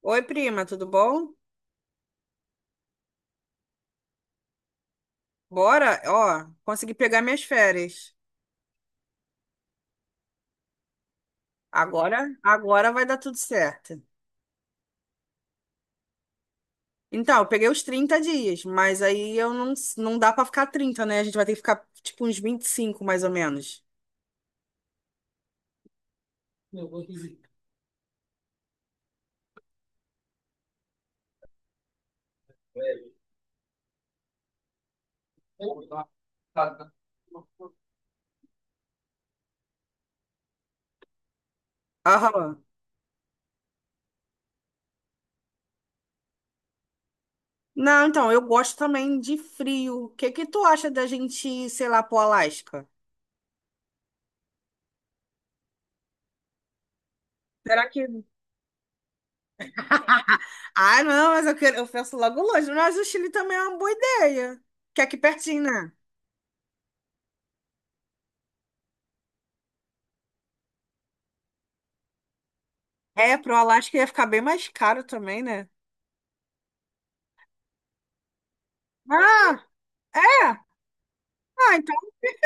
Oi, prima, tudo bom? Bora, ó, consegui pegar minhas férias. Agora vai dar tudo certo. Então, eu peguei os 30 dias, mas aí eu não, não dá pra ficar 30, né? A gente vai ter que ficar tipo uns 25, mais ou menos. Aham. Não, então, eu gosto também de frio. O que que tu acha da gente, ir, sei lá, pro Alasca? Será que... Ah, não, mas eu quero, eu penso logo longe, mas o Chile também é uma boa ideia. Que é aqui pertinho, né? É, pro Alasca ia ficar bem mais caro também, né? Ah, é? Ah, então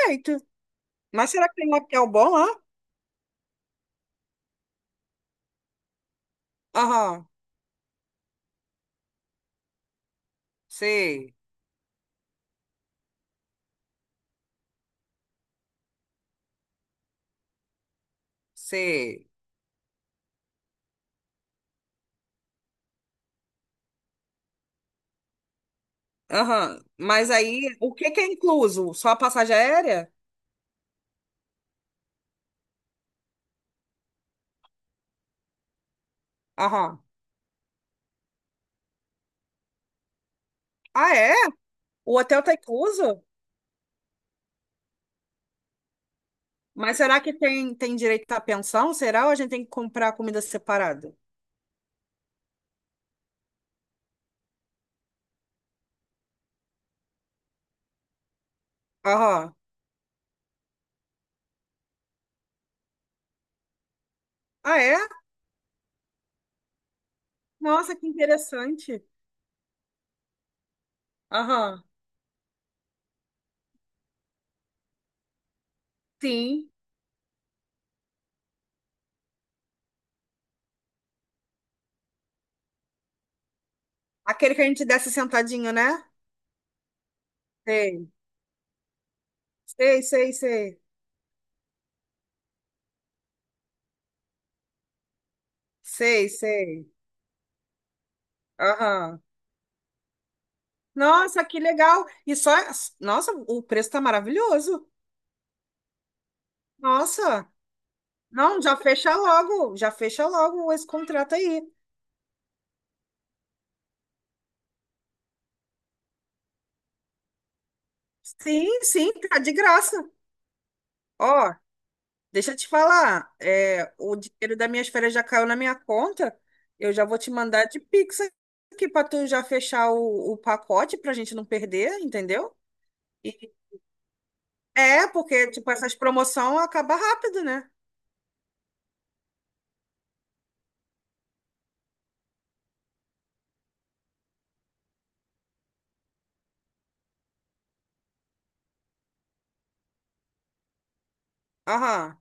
feito. Mas será que tem um hotel bom lá? Aham, sei, sei. Aham, mas aí, o que que é incluso? Só a passagem aérea? Aham. Ah, é? O hotel tá incluso? Mas será que tem direito à pensão? Será ou a gente tem que comprar comida separada? Aham. Ah, é? Nossa, que interessante. Aham, sim. Aquele que a gente desce sentadinho, né? Sei, sei, sei, sei. Sei, sei. Aham. Nossa, que legal. E só, nossa, o preço tá maravilhoso. Nossa. Não, já fecha logo esse contrato aí. Sim, sim, tá de graça. Ó, deixa eu te falar, é, o dinheiro das minhas férias já caiu na minha conta. Eu já vou te mandar de Pix aqui pra tu já fechar o pacote pra gente não perder, entendeu? E- É, porque tipo essas promoções acabam rápido, né? Aham.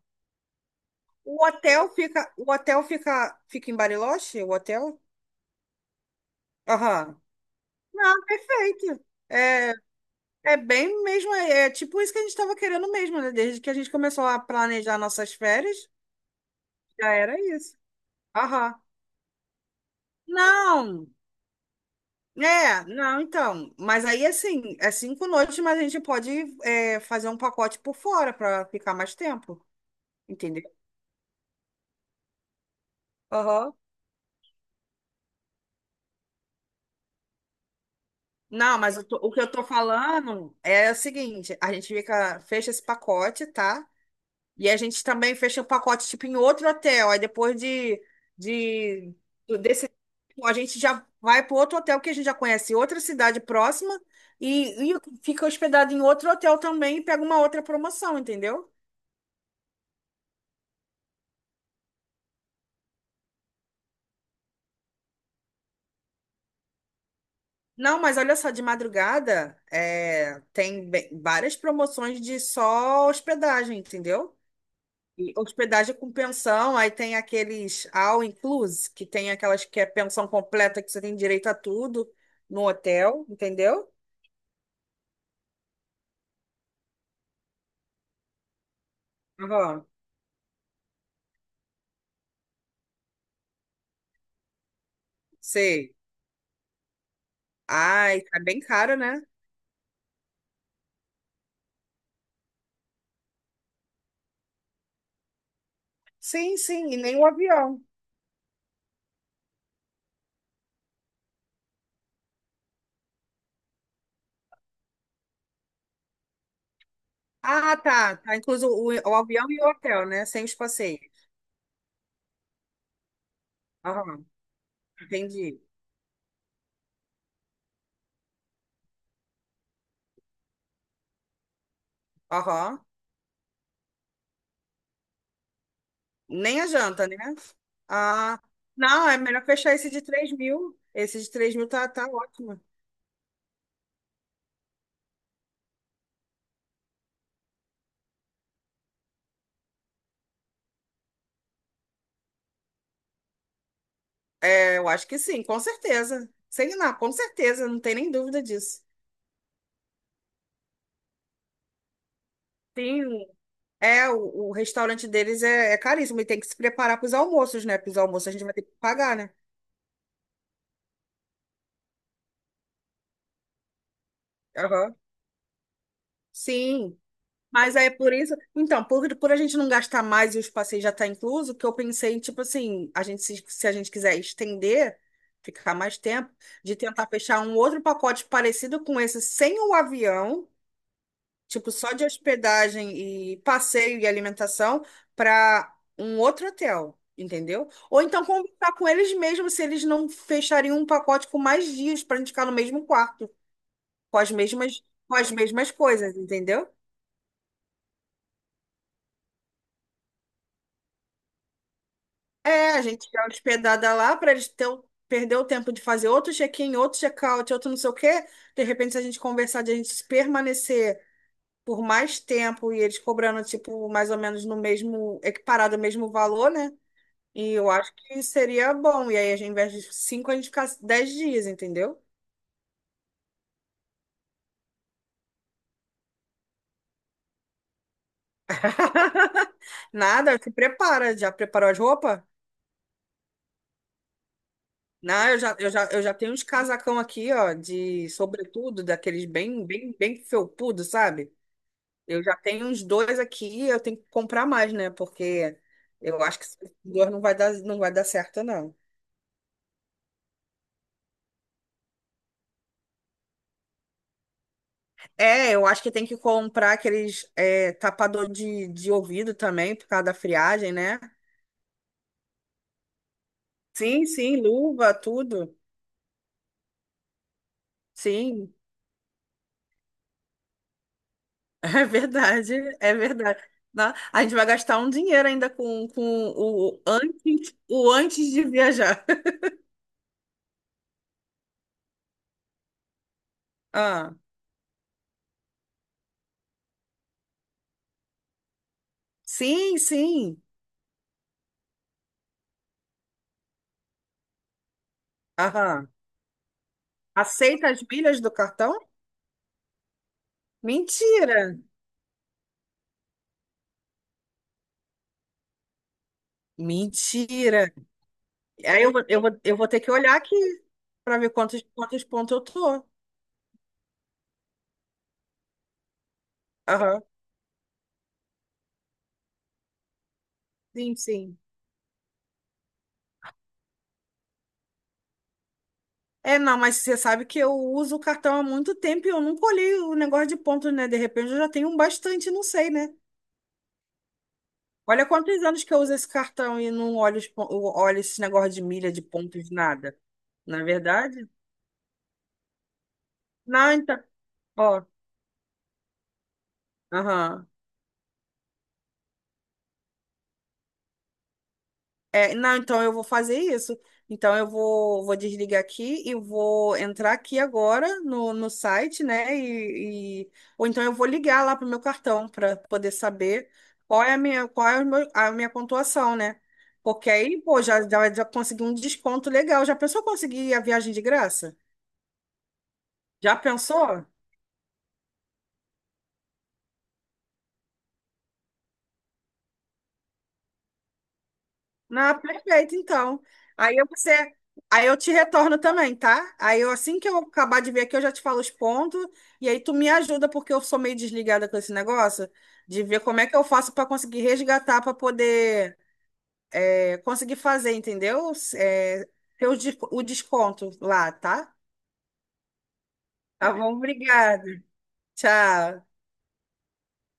O hotel fica em Bariloche? O hotel? Aham. Ah, perfeito. É bem mesmo, é tipo isso que a gente estava querendo mesmo, né? Desde que a gente começou a planejar nossas férias, já era isso. Aham. Não, é, não, então. Mas aí, assim, é 5 noites, mas a gente pode é, fazer um pacote por fora para ficar mais tempo, entendeu? Aham. Não, mas o que eu tô falando é o seguinte, a gente fica, fecha esse pacote, tá? E a gente também fecha o pacote, tipo, em outro hotel. Aí depois de desse, a gente já vai para outro hotel que a gente já conhece, outra cidade próxima, e fica hospedado em outro hotel também e pega uma outra promoção, entendeu? Não, mas olha só, de madrugada é, tem várias promoções de só hospedagem, entendeu? E hospedagem com pensão, aí tem aqueles all inclusive, que tem aquelas que é pensão completa que você tem direito a tudo no hotel, entendeu? Aham, sei. Ai, tá bem caro, né? Sim, sim, e nem o avião. Ah, tá. Tá incluso o avião e o hotel, né? Sem os passeios. Aham, entendi. Aham. Nem a janta, né? Ah, não, é melhor fechar esse de 3.000. Esse de 3 mil tá, tá ótimo. É, eu acho que sim, com certeza. Sei lá, com certeza, não tem nem dúvida disso. Tem, é, o restaurante deles é caríssimo e tem que se preparar para os almoços, né? Para os almoços a gente vai ter que pagar, né? Aham. Sim. Mas é por isso, então, por a gente não gastar mais e os passeios já tá incluso, que eu pensei em, tipo assim, a gente se a gente quiser estender, ficar mais tempo, de tentar fechar um outro pacote parecido com esse, sem o avião, tipo só de hospedagem e passeio e alimentação, para um outro hotel, entendeu? Ou então conversar com eles mesmos se eles não fechariam um pacote com mais dias para a gente ficar no mesmo quarto, com as mesmas coisas, entendeu? É, a gente já hospedada lá para eles ter, perder o tempo de fazer outro check-in, outro check-out, outro não sei o quê. De repente, se a gente conversar de a gente permanecer por mais tempo e eles cobrando, tipo, mais ou menos no mesmo, equiparado ao mesmo valor, né? E eu acho que seria bom. E aí, ao invés de cinco, a gente ficar 10 dias, entendeu? Nada, se prepara. Já preparou as roupas? Não, eu já tenho uns casacão aqui, ó, de sobretudo, daqueles bem, bem, bem felpudo, sabe? Eu já tenho uns dois aqui, eu tenho que comprar mais, né? Porque eu acho que esses dois não vai dar, não vai dar certo, não. É, eu acho que tem que comprar aqueles é, tapador de ouvido também, por causa da friagem, né? Sim, sim, luva, tudo. Sim, é verdade, é verdade. A gente vai gastar um dinheiro ainda com o antes de viajar. Ah, sim, sim. Aham. Aceita as milhas do cartão? Mentira! Mentira! Aí eu vou ter que olhar aqui para ver quantos pontos eu tô. Aham. Sim, sim. É, não, mas você sabe que eu uso o cartão há muito tempo e eu nunca olhei o negócio de pontos, né? De repente eu já tenho um bastante, não sei, né? Olha quantos anos que eu uso esse cartão e não olho, eu olho esse negócio de milha, de pontos, nada. Na verdade? Não, então. Ó, aham. É, não, então eu vou fazer isso. Então eu vou desligar aqui e vou entrar aqui agora no site, né? Ou então eu vou ligar lá pro meu cartão para poder saber qual é a minha, qual é o meu- a minha pontuação, né? Porque aí, pô, já consegui um desconto legal. Já pensou conseguir a viagem de graça? Já pensou? Ah, perfeito, então. Aí eu você, aí eu te retorno também, tá? Aí eu assim que eu acabar de ver aqui, eu já te falo os pontos e aí tu me ajuda porque eu sou meio desligada com esse negócio de ver como é que eu faço para conseguir resgatar para poder é, conseguir fazer, entendeu? É, ter o desconto lá, tá? Tá bom, obrigada. Tchau.